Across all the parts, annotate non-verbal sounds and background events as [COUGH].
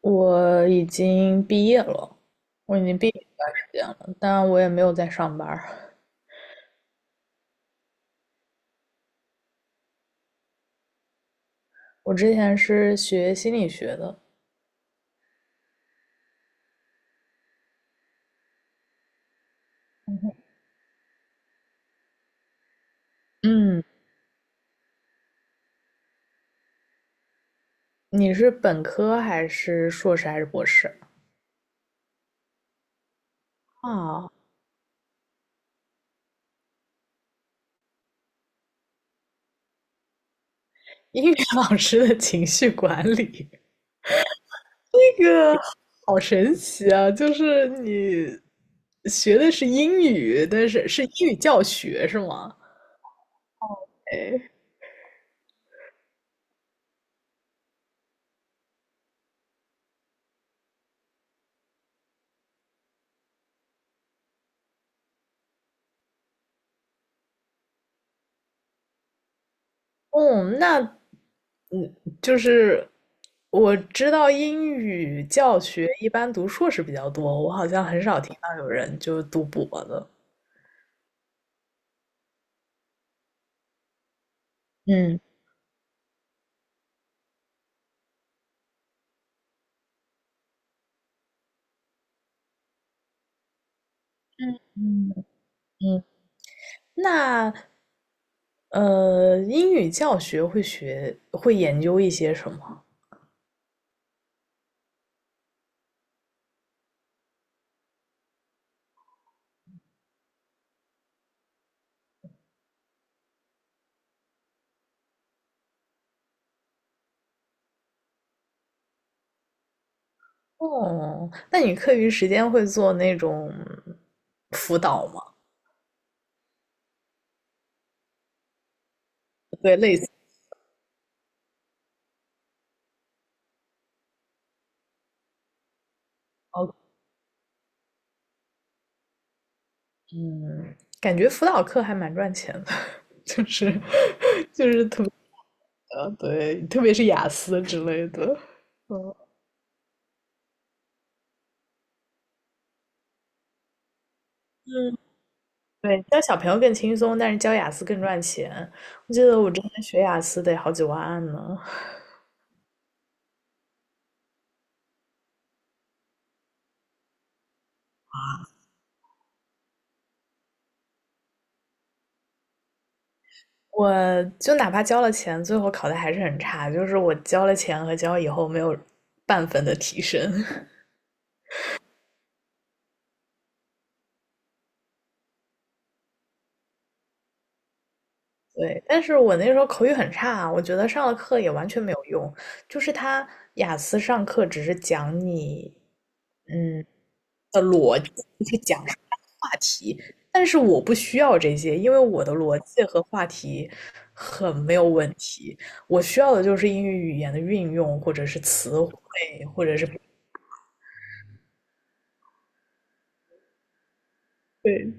我已经毕业了，我已经毕业一段时间了，但我也没有在上班儿。我之前是学心理学的。嗯。你是本科还是硕士还是博士？啊，英语老师的情绪管理，这个好神奇啊！就是你学的是英语，但是是英语教学是吗？哦，那就是我知道英语教学一般读硕士比较多，我好像很少听到有人就读博的。嗯嗯，嗯。那英语教学会学会研究一些什么？哦，那你课余时间会做那种辅导吗？对，类似。哦嗯，感觉辅导课还蛮赚钱的，[LAUGHS] 就是 [LAUGHS] 就是的，对，特别是雅思之类的，嗯。嗯，对，教小朋友更轻松，但是教雅思更赚钱。我记得我之前学雅思得好几万呢，我就哪怕交了钱，最后考的还是很差，就是我交了钱和交以后没有半分的提升。[LAUGHS] 对，但是我那时候口语很差，我觉得上了课也完全没有用，就是他雅思上课只是讲你，嗯。但是我不需要这些，因为我的逻辑和话题很没有问题。我需要的就是英语语言的运用或者是词汇，对，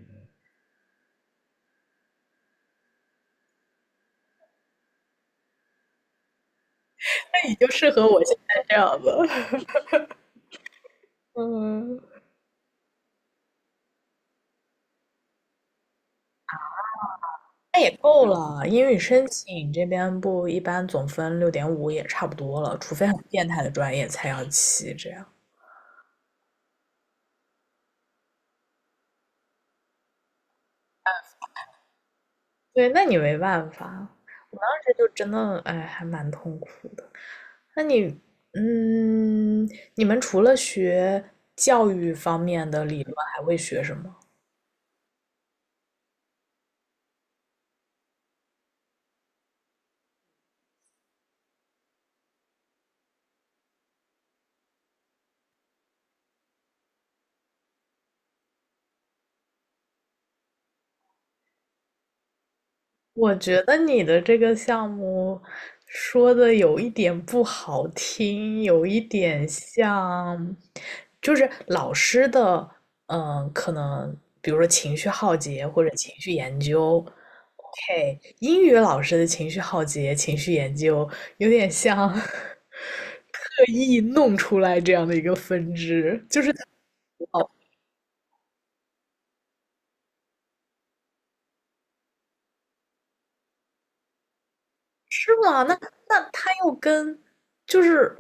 那你就适合我现在这样子。嗯，那也够了，英语申请这边不一般总分六点五也差不多了，除非很变态的专业才要七这样。对，那你没办法，当时就真的哎，还蛮痛苦的。那你，嗯，你们除了学教育方面的理论，还会学什么？我觉得你的这个项目说的有一点不好听，有一点像，就是老师的，嗯，可能比如说情绪浩劫或者情绪研究，OK，英语老师的情绪浩劫、情绪研究有点像 [LAUGHS] 刻意弄出来这样的一个分支，就是。是吗？那他又跟就是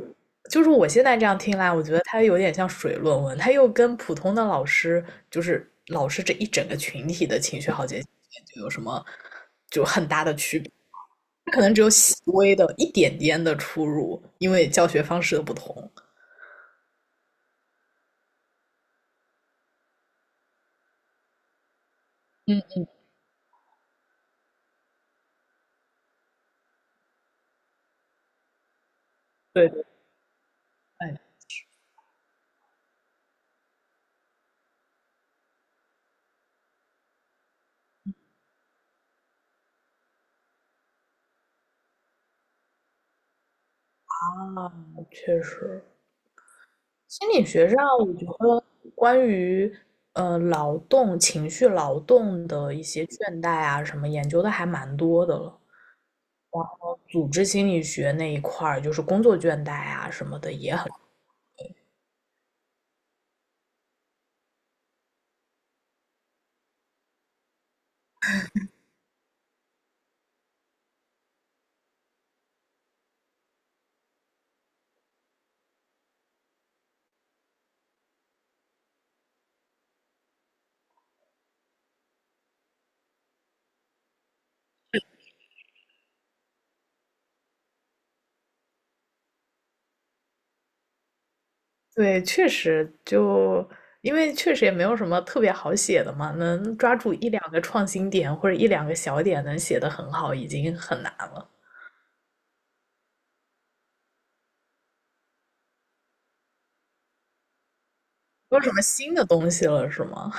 就是我现在这样听来，我觉得他有点像水论文，他又跟普通的老师，就是老师这一整个群体的情绪好节就有什么就很大的区别？他可能只有细微的一点点的出入，因为教学方式的不同。嗯，对对，哎啊，确实，心理学上，我觉得关于劳动、情绪劳动的一些倦怠啊什么研究的还蛮多的了。然后组织心理学那一块儿，就是工作倦怠啊什么的也很。对，确实就因为确实也没有什么特别好写的嘛，能抓住一两个创新点或者一两个小点能写得很好，已经很难了。没有什么新的东西了，是吗？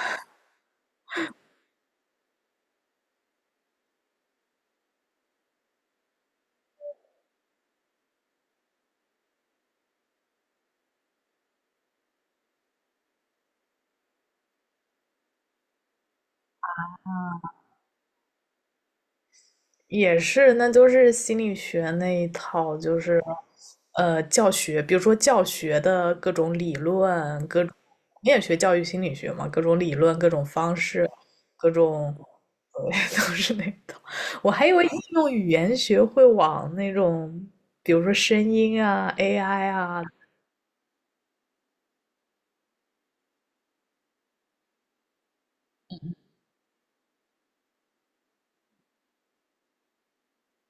也是，那就是心理学那一套，就是教学，比如说教学的各种理论，各种你也学教育心理学嘛，各种理论，各种方式，各种对 [LAUGHS] 都是那一套。我还以为应用语言学会往那种，比如说声音啊、AI 啊，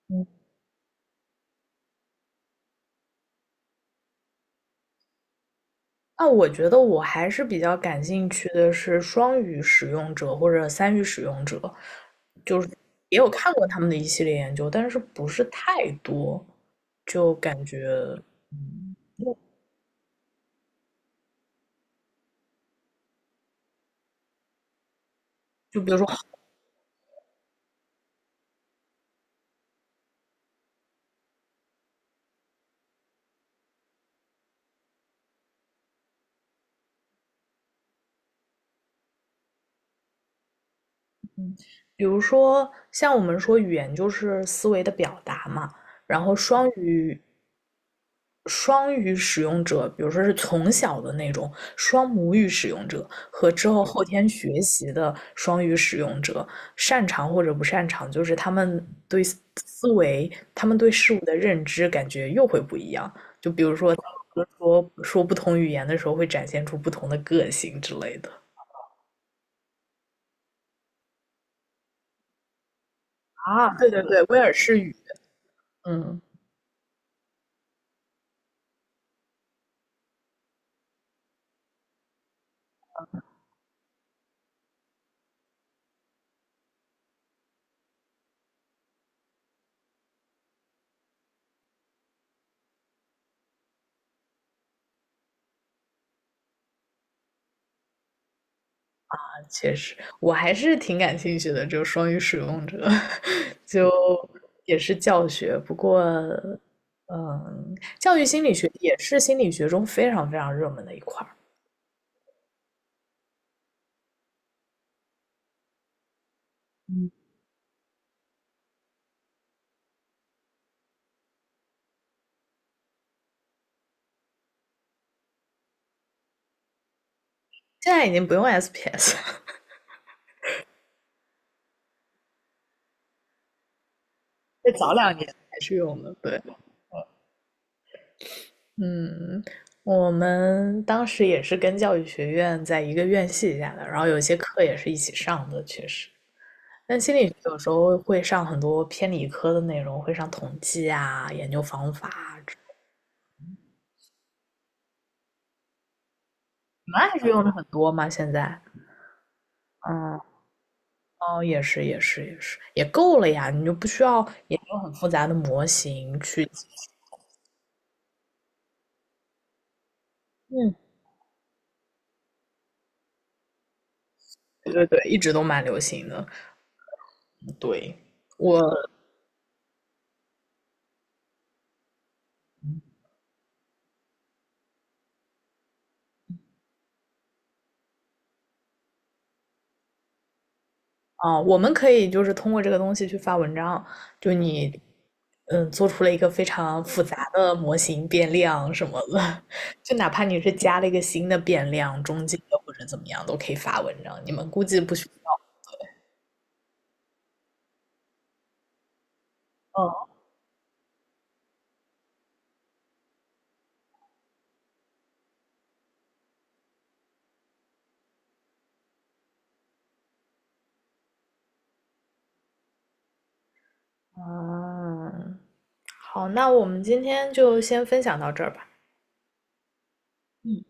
嗯那我觉得我还是比较感兴趣的是双语使用者或者三语使用者，就是也有看过他们的一系列研究，但是不是太多，就感觉，嗯。就比如说比如说，像我们说语言就是思维的表达嘛，然后双语双语使用者，比如说是从小的那种双母语使用者和之后后天学习的双语使用者，擅长或者不擅长，就是他们对思维、他们对事物的认知感觉又会不一样。就比如说，说说不同语言的时候，会展现出不同的个性之类的。啊，对对对，威尔士语，嗯。确实，我还是挺感兴趣的，就双语使用者，[LAUGHS] 就也是教学。不过，嗯，教育心理学也是心理学中非常非常热门的一块儿。现在已经不用 SPS，这 [LAUGHS] 早两年还是用的。对，嗯，我们当时也是跟教育学院在一个院系下的，然后有些课也是一起上的，确实。但心理学有时候会上很多偏理科的内容，会上统计啊、研究方法啊。你们还是用的很多吗？现在？嗯。哦，也是，也是，也是，也够了呀，你就不需要研究很复杂的模型去。嗯，对对对，一直都蛮流行的。对，我我们可以就是通过这个东西去发文章，就你嗯做出了一个非常复杂的模型变量什么的，[LAUGHS] 就哪怕你是加了一个新的变量，中间的或者怎么样都可以发文章。你们估计不需要。嗯。嗯。好，那我们今天就先分享到这儿吧。嗯。